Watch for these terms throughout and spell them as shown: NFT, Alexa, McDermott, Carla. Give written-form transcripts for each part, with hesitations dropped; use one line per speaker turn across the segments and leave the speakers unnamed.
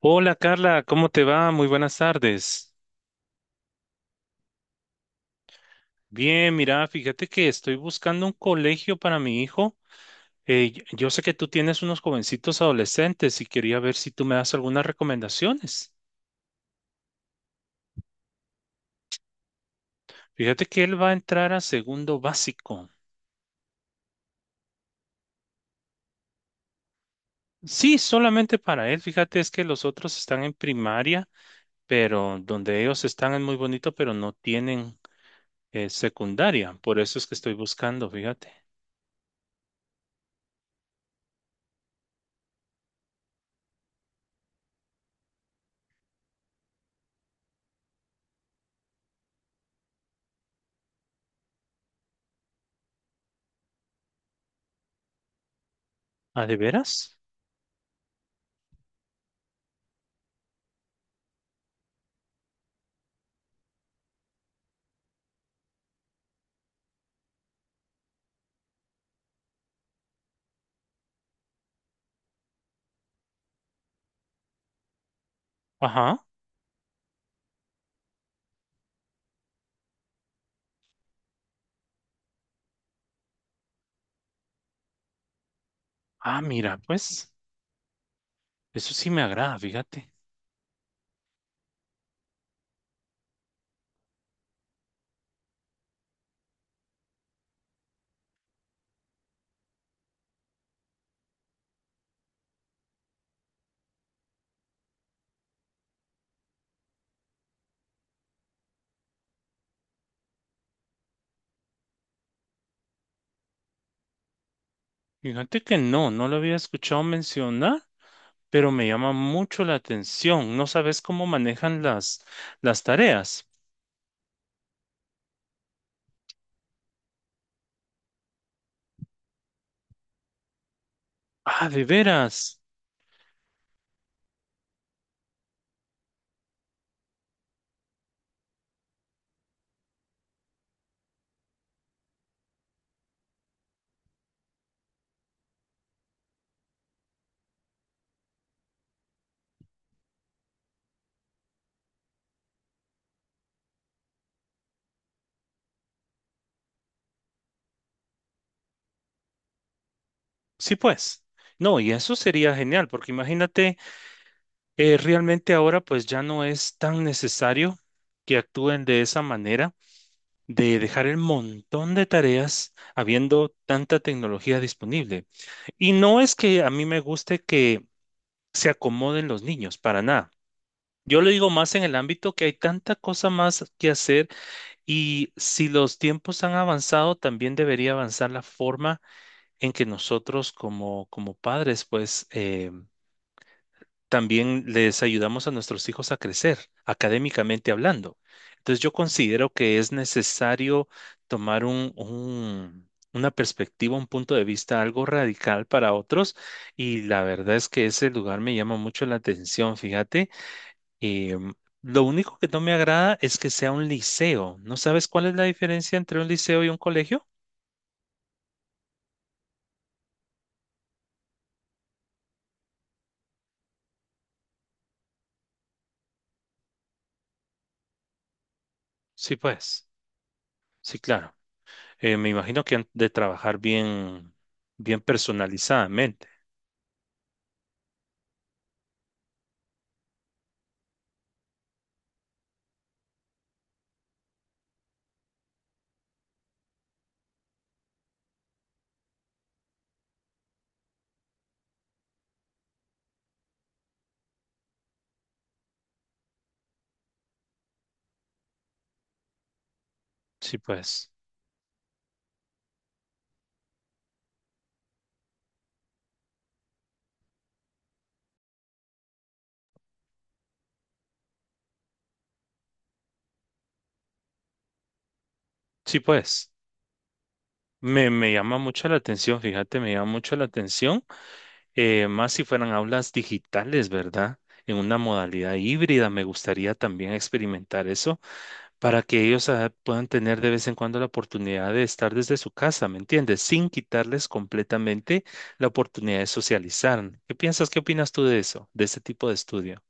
Hola Carla, ¿cómo te va? Muy buenas tardes. Bien, mira, fíjate que estoy buscando un colegio para mi hijo. Yo sé que tú tienes unos jovencitos adolescentes y quería ver si tú me das algunas recomendaciones. Fíjate que él va a entrar a segundo básico. Sí, solamente para él. Fíjate, es que los otros están en primaria, pero donde ellos están es muy bonito, pero no tienen secundaria. Por eso es que estoy buscando, fíjate. ¿Ah, de veras? Ajá. Ah, mira, pues. Eso sí me agrada, fíjate. Fíjate que no lo había escuchado mencionar, pero me llama mucho la atención. No sabes cómo manejan las tareas. Ah, de veras. Sí, pues. No, y eso sería genial, porque imagínate, realmente ahora pues ya no es tan necesario que actúen de esa manera, de dejar el montón de tareas habiendo tanta tecnología disponible. Y no es que a mí me guste que se acomoden los niños, para nada. Yo lo digo más en el ámbito que hay tanta cosa más que hacer y si los tiempos han avanzado, también debería avanzar la forma en que nosotros como padres, pues también les ayudamos a nuestros hijos a crecer, académicamente hablando. Entonces yo considero que es necesario tomar una perspectiva, un punto de vista algo radical para otros y la verdad es que ese lugar me llama mucho la atención, fíjate. Em, lo único que no me agrada es que sea un liceo. ¿No sabes cuál es la diferencia entre un liceo y un colegio? Sí, pues, sí, claro. Me imagino que han de trabajar bien personalizadamente. Sí, pues, sí, pues. Me llama mucho la atención, fíjate, me llama mucho la atención. Más si fueran aulas digitales, ¿verdad? En una modalidad híbrida, me gustaría también experimentar eso para que ellos ah, puedan tener de vez en cuando la oportunidad de estar desde su casa, ¿me entiendes? Sin quitarles completamente la oportunidad de socializar. ¿Qué piensas? ¿Qué opinas tú de eso, de este tipo de estudio?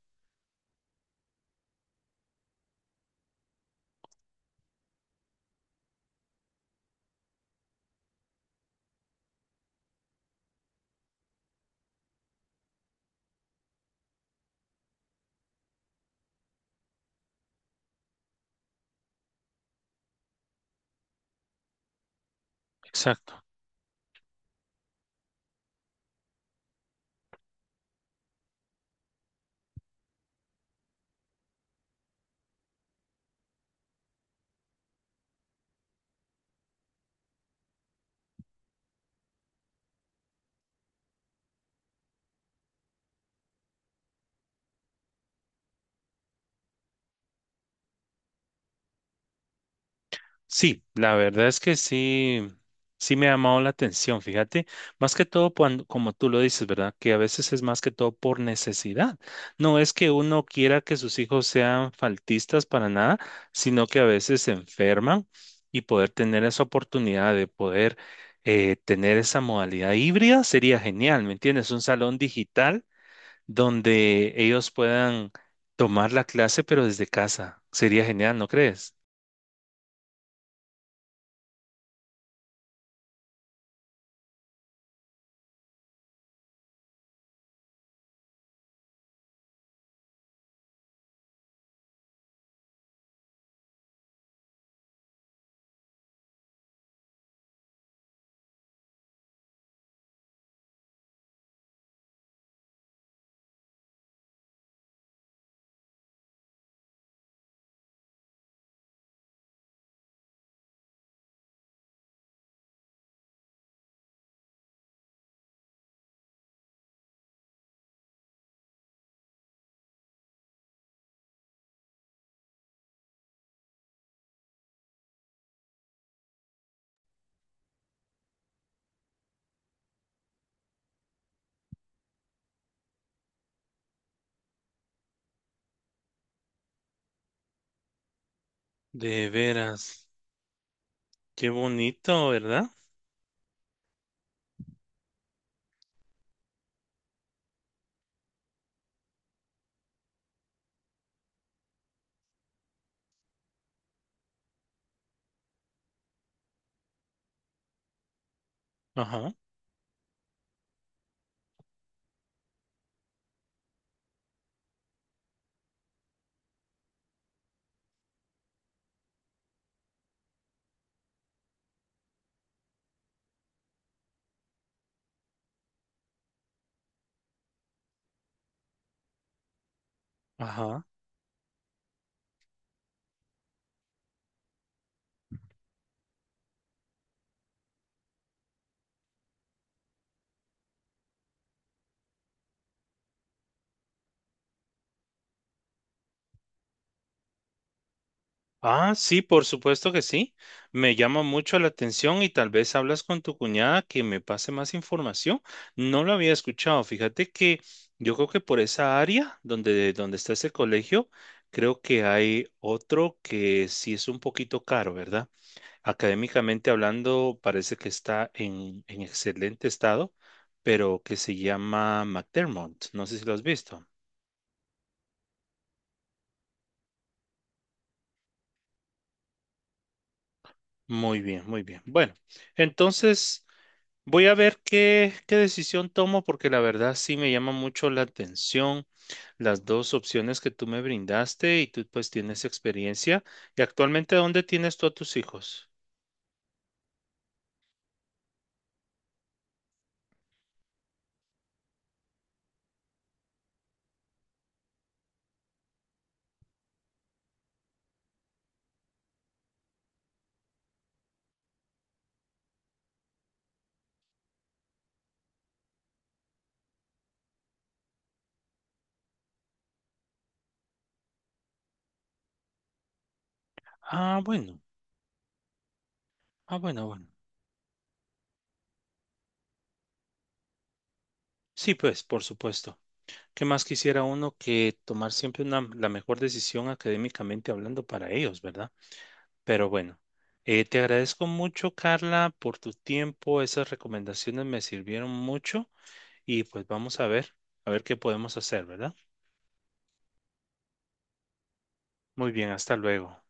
Exacto. Sí, la verdad es que sí, sí me ha llamado la atención, fíjate, más que todo cuando, como tú lo dices, ¿verdad? Que a veces es más que todo por necesidad. No es que uno quiera que sus hijos sean faltistas para nada, sino que a veces se enferman y poder tener esa oportunidad de poder tener esa modalidad híbrida sería genial, ¿me entiendes? Un salón digital donde ellos puedan tomar la clase, pero desde casa. Sería genial, ¿no crees? De veras. Qué bonito, ¿verdad? Ajá, ajá. Ah, sí, por supuesto que sí. Me llama mucho la atención y tal vez hablas con tu cuñada que me pase más información. No lo había escuchado. Fíjate que yo creo que por esa área donde está ese colegio, creo que hay otro que sí es un poquito caro, ¿verdad? Académicamente hablando, parece que está en excelente estado, pero que se llama McDermott. No sé si lo has visto. Muy bien, muy bien. Bueno, entonces voy a ver qué decisión tomo porque la verdad sí me llama mucho la atención las dos opciones que tú me brindaste y tú pues tienes experiencia. ¿Y actualmente dónde tienes tú a tus hijos? Ah, bueno, ah, bueno, bueno. Sí, pues, por supuesto. ¿Qué más quisiera uno que tomar siempre una, la mejor decisión académicamente hablando para ellos, ¿verdad? Pero bueno, te agradezco mucho, Carla, por tu tiempo. Esas recomendaciones me sirvieron mucho y pues vamos a ver qué podemos hacer, ¿verdad? Muy bien, hasta luego.